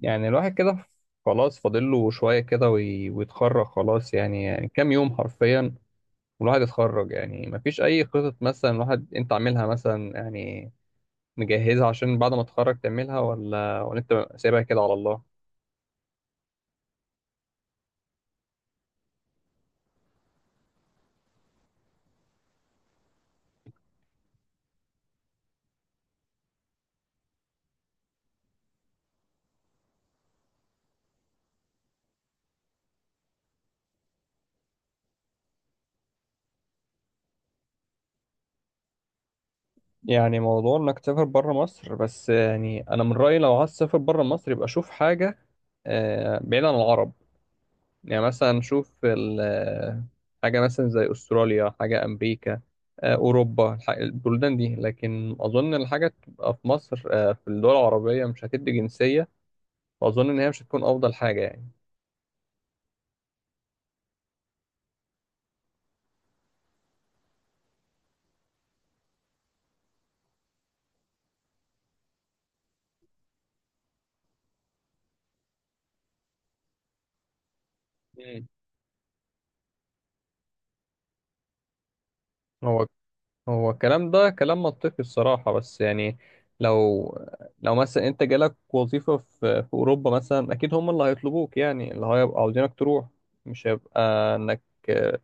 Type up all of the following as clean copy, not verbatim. يعني الواحد كده، خلاص فاضل له شوية كده ويتخرج خلاص يعني, يعني كام يوم حرفيا. والواحد يتخرج، يعني مفيش أي خطط مثلا الواحد أنت عاملها مثلا يعني مجهزها عشان بعد ما تتخرج تعملها ولا أنت سايبها كده على الله؟ يعني موضوع إنك تسافر بره مصر، بس يعني أنا من رأيي لو عايز تسافر بره مصر يبقى شوف حاجة بعيد عن العرب. يعني مثلا نشوف حاجة مثلا زي أستراليا، حاجة أمريكا، أوروبا، البلدان دي. لكن أظن الحاجة تبقى في مصر، في الدول العربية مش هتدي جنسية. وأظن إن هي مش هتكون أفضل حاجة يعني. مم. هو هو الكلام ده كلام منطقي الصراحة، بس يعني لو لو مثلا أنت جالك وظيفة في أوروبا مثلا، أكيد هم اللي هيطلبوك، يعني اللي هيبقى عاوزينك تروح. مش هيبقى إنك آه،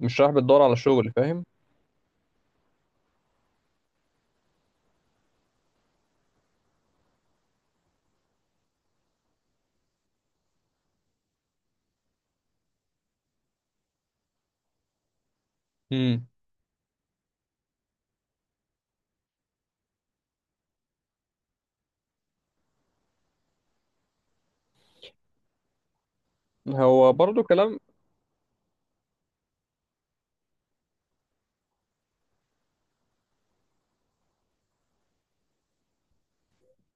مش رايح بتدور على شغل، فاهم؟ مم. هو برضو كلام.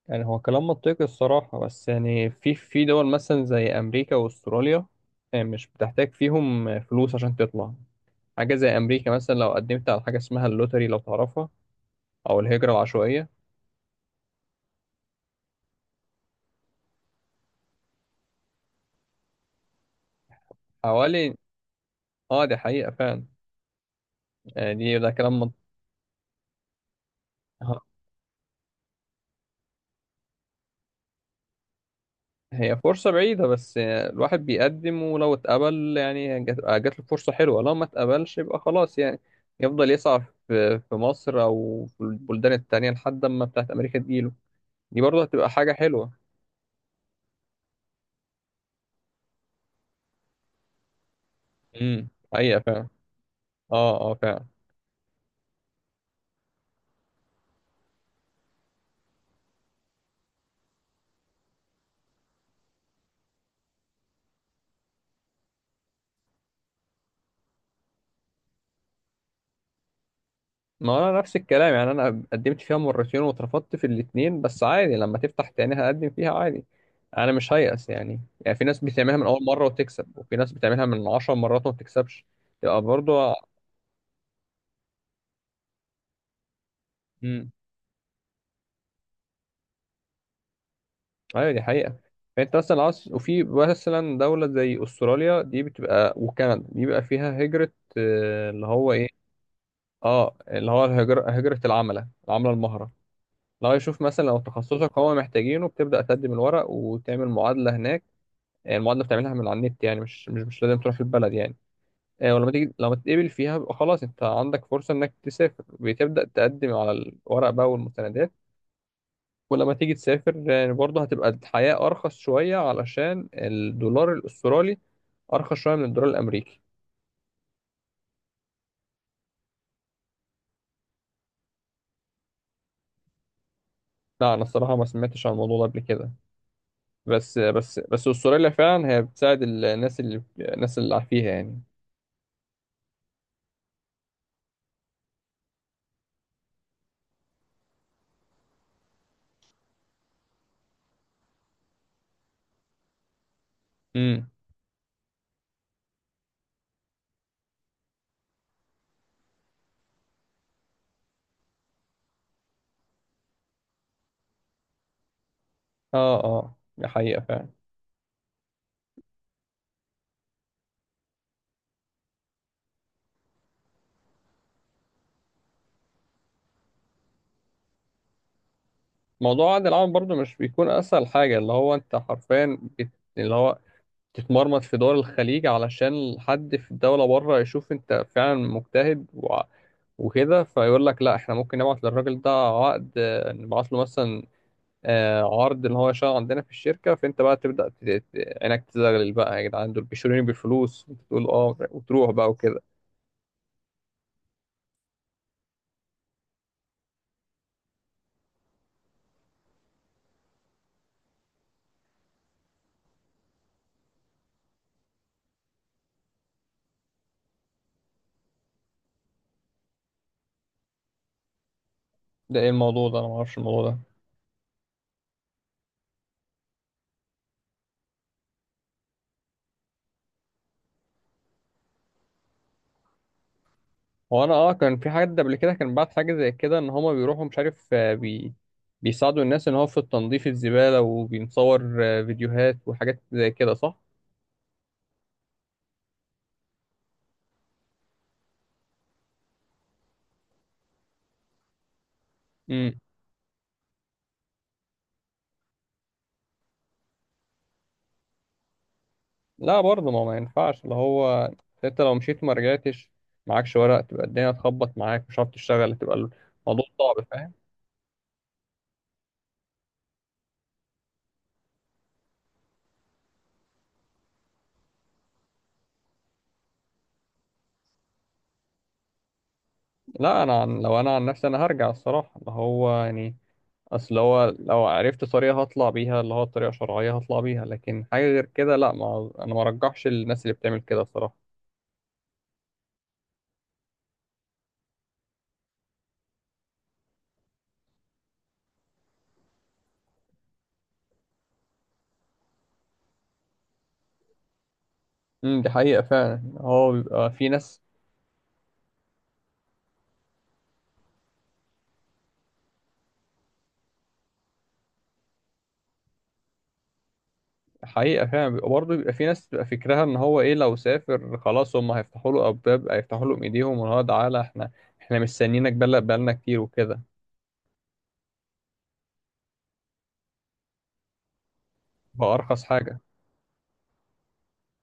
يعني هو كلام منطقي الصراحة، بس يعني في دول مثلا زي أمريكا وأستراليا، مش بتحتاج فيهم فلوس عشان تطلع. حاجة زي أمريكا مثلا، لو قدمت على حاجة اسمها اللوتري لو تعرفها، أو الهجرة العشوائية. حوالي، اه دي حقيقة فعلا. يعني دي ده كلام منطقي. ها- هي فرصة بعيدة، بس الواحد بيقدم، ولو اتقبل يعني جات له فرصة حلوة، لو ما اتقبلش يبقى خلاص يعني يفضل يسعى في مصر أو في البلدان التانية لحد ما بتاعت أمريكا تجيله. دي برضه هتبقى حاجة حلوة. امم، حقيقة فعلا. اه، اه فعلا. ما انا نفس الكلام، يعني انا قدمت فيها مرتين واترفضت في الاتنين، بس عادي لما تفتح تاني هقدم فيها عادي. انا مش هيأس يعني، يعني في ناس بتعملها من اول مرة وتكسب، وفي ناس بتعملها من 10 مرات وما بتكسبش. تبقى برضو. امم، ايوه دي حقيقة. فانت مثلا عاوز، وفي مثلا دولة زي استراليا دي بتبقى، وكندا دي بيبقى فيها هجرة اللي هو ايه، اه اللي هو الهجرة، هجرة العملة العملة المهرة. لو يشوف مثلا لو تخصصك هو محتاجينه، بتبدأ تقدم الورق وتعمل معادلة هناك. المعادلة بتعملها من على النت، يعني مش لازم تروح البلد يعني. ولما تيجي لما تتقبل فيها بيبقى خلاص انت عندك فرصة انك تسافر، بتبدأ تقدم على الورق بقى والمستندات. ولما تيجي تسافر برضه هتبقى الحياة أرخص شوية علشان الدولار الأسترالي أرخص شوية من الدولار الأمريكي. لا أنا الصراحة ما سمعتش عن الموضوع ده قبل كده. بس أستراليا فعلا هي بتساعد الناس اللي فيها يعني. مم. اه، اه دي حقيقة فعلا. موضوع عقد العمل برضو مش بيكون اسهل حاجة، اللي هو انت حرفيا اللي هو تتمرمط في دول الخليج علشان حد في الدولة بره يشوف انت فعلا مجتهد وكده فيقول لك لا احنا ممكن نبعت للراجل ده عقد، نبعت له مثلا عرض ان هو يشتغل عندنا في الشركة، فانت بقى تبدأ عينك تزغلل بقى يا جدعان، دول بيشتروني بالفلوس، انت تقول اه وتروح بقى وكده. ده ايه الموضوع ده؟ انا ما اعرفش الموضوع ده. هو انا اه كان في حد قبل كده كان بعت حاجه زي كده، ان هما بيروحوا مش عارف آه، بي بيساعدوا الناس، ان هو في التنظيف الزباله، وبينصور فيديوهات وحاجات زي كده، صح. امم. لا برضه ما ينفعش. اللي هو انت لو مشيت ما رجعتش، معكش ورق، تبقى الدنيا تخبط معاك، مش عارف تشتغل، تبقى الموضوع صعب، فاهم. لا، انا عن لو انا عن نفسي انا هرجع الصراحه، اللي هو يعني اصل هو لو عرفت طريقه هطلع بيها، اللي هو طريقه شرعيه هطلع بيها، لكن حاجه غير كده لا، ما انا ما ارجحش الناس اللي بتعمل كده الصراحه. امم، دي حقيقة فعلا. هو بيبقى في ناس. حقيقة فعلا بيبقى، برضه بيبقى في ناس بتبقى فكرها ان هو ايه لو سافر خلاص هم هيفتحوا له ابواب، هيفتحوا له ايديهم، وان هو تعالى احنا، احنا مستنيينك بقالنا كتير وكده. بأرخص حاجة.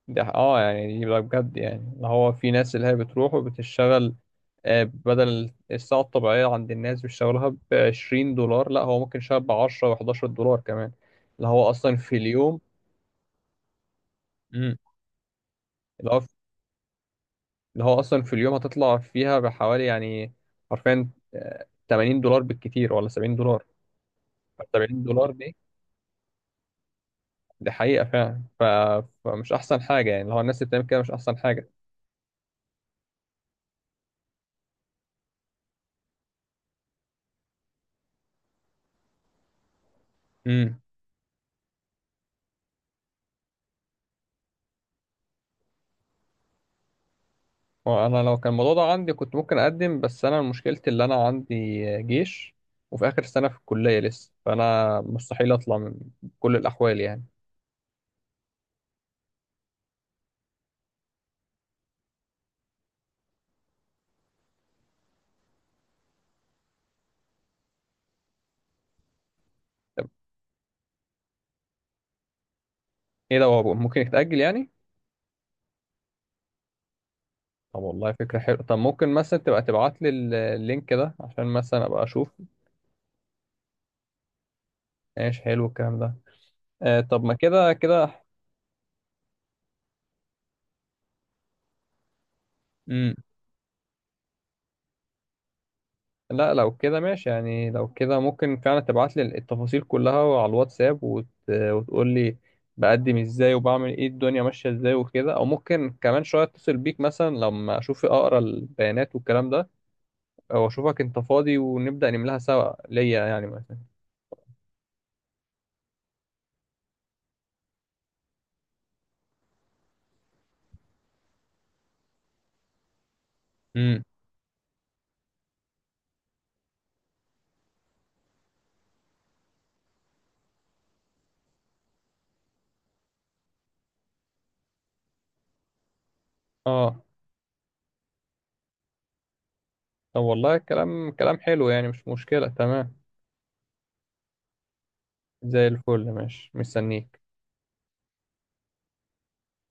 ده اه يعني دي بقى بجد، يعني اللي هو في ناس اللي هي بتروح وبتشتغل بدل الساعة الطبيعية عند الناس بيشتغلها بـ20 دولار، لا هو ممكن يشتغل بـ10 و11 دولار كمان. اللي هو أصلا في اليوم. مم. اللي هو اصلا في اليوم هتطلع فيها بحوالي يعني حرفيا 80 دولار بالكتير ولا 70 دولار دي حقيقة فعلا فمش احسن حاجة يعني، اللي هو الناس اللي بتعمل كده مش احسن حاجة. امم. وانا لو كان الموضوع ده عندي كنت ممكن اقدم، بس انا مشكلتي اللي انا عندي جيش وفي اخر سنة في الكلية لسه، فانا مستحيل اطلع من كل الاحوال يعني. طب ايه ده؟ هو ممكن يتأجل يعني؟ طب والله فكرة حلوة. طب ممكن مثلا تبقى تبعت لي اللينك ده عشان مثلا ابقى اشوف. ايش حلو الكلام ده. آه، طب ما كده كده. امم. لا لو كده ماشي يعني، لو كده ممكن فعلا تبعت لي التفاصيل كلها على الواتساب، وتقول لي بقدم ازاي وبعمل ايه، الدنيا ماشية ازاي وكده، او ممكن كمان شوية اتصل بيك مثلا لما اشوف اقرا البيانات والكلام ده، او اشوفك انت فاضي ونبدأ نملاها سوا ليا يعني مثلا. امم، اه طب والله كلام كلام حلو يعني، مش مشكلة، تمام. زي الفل، ماشي، مستنيك.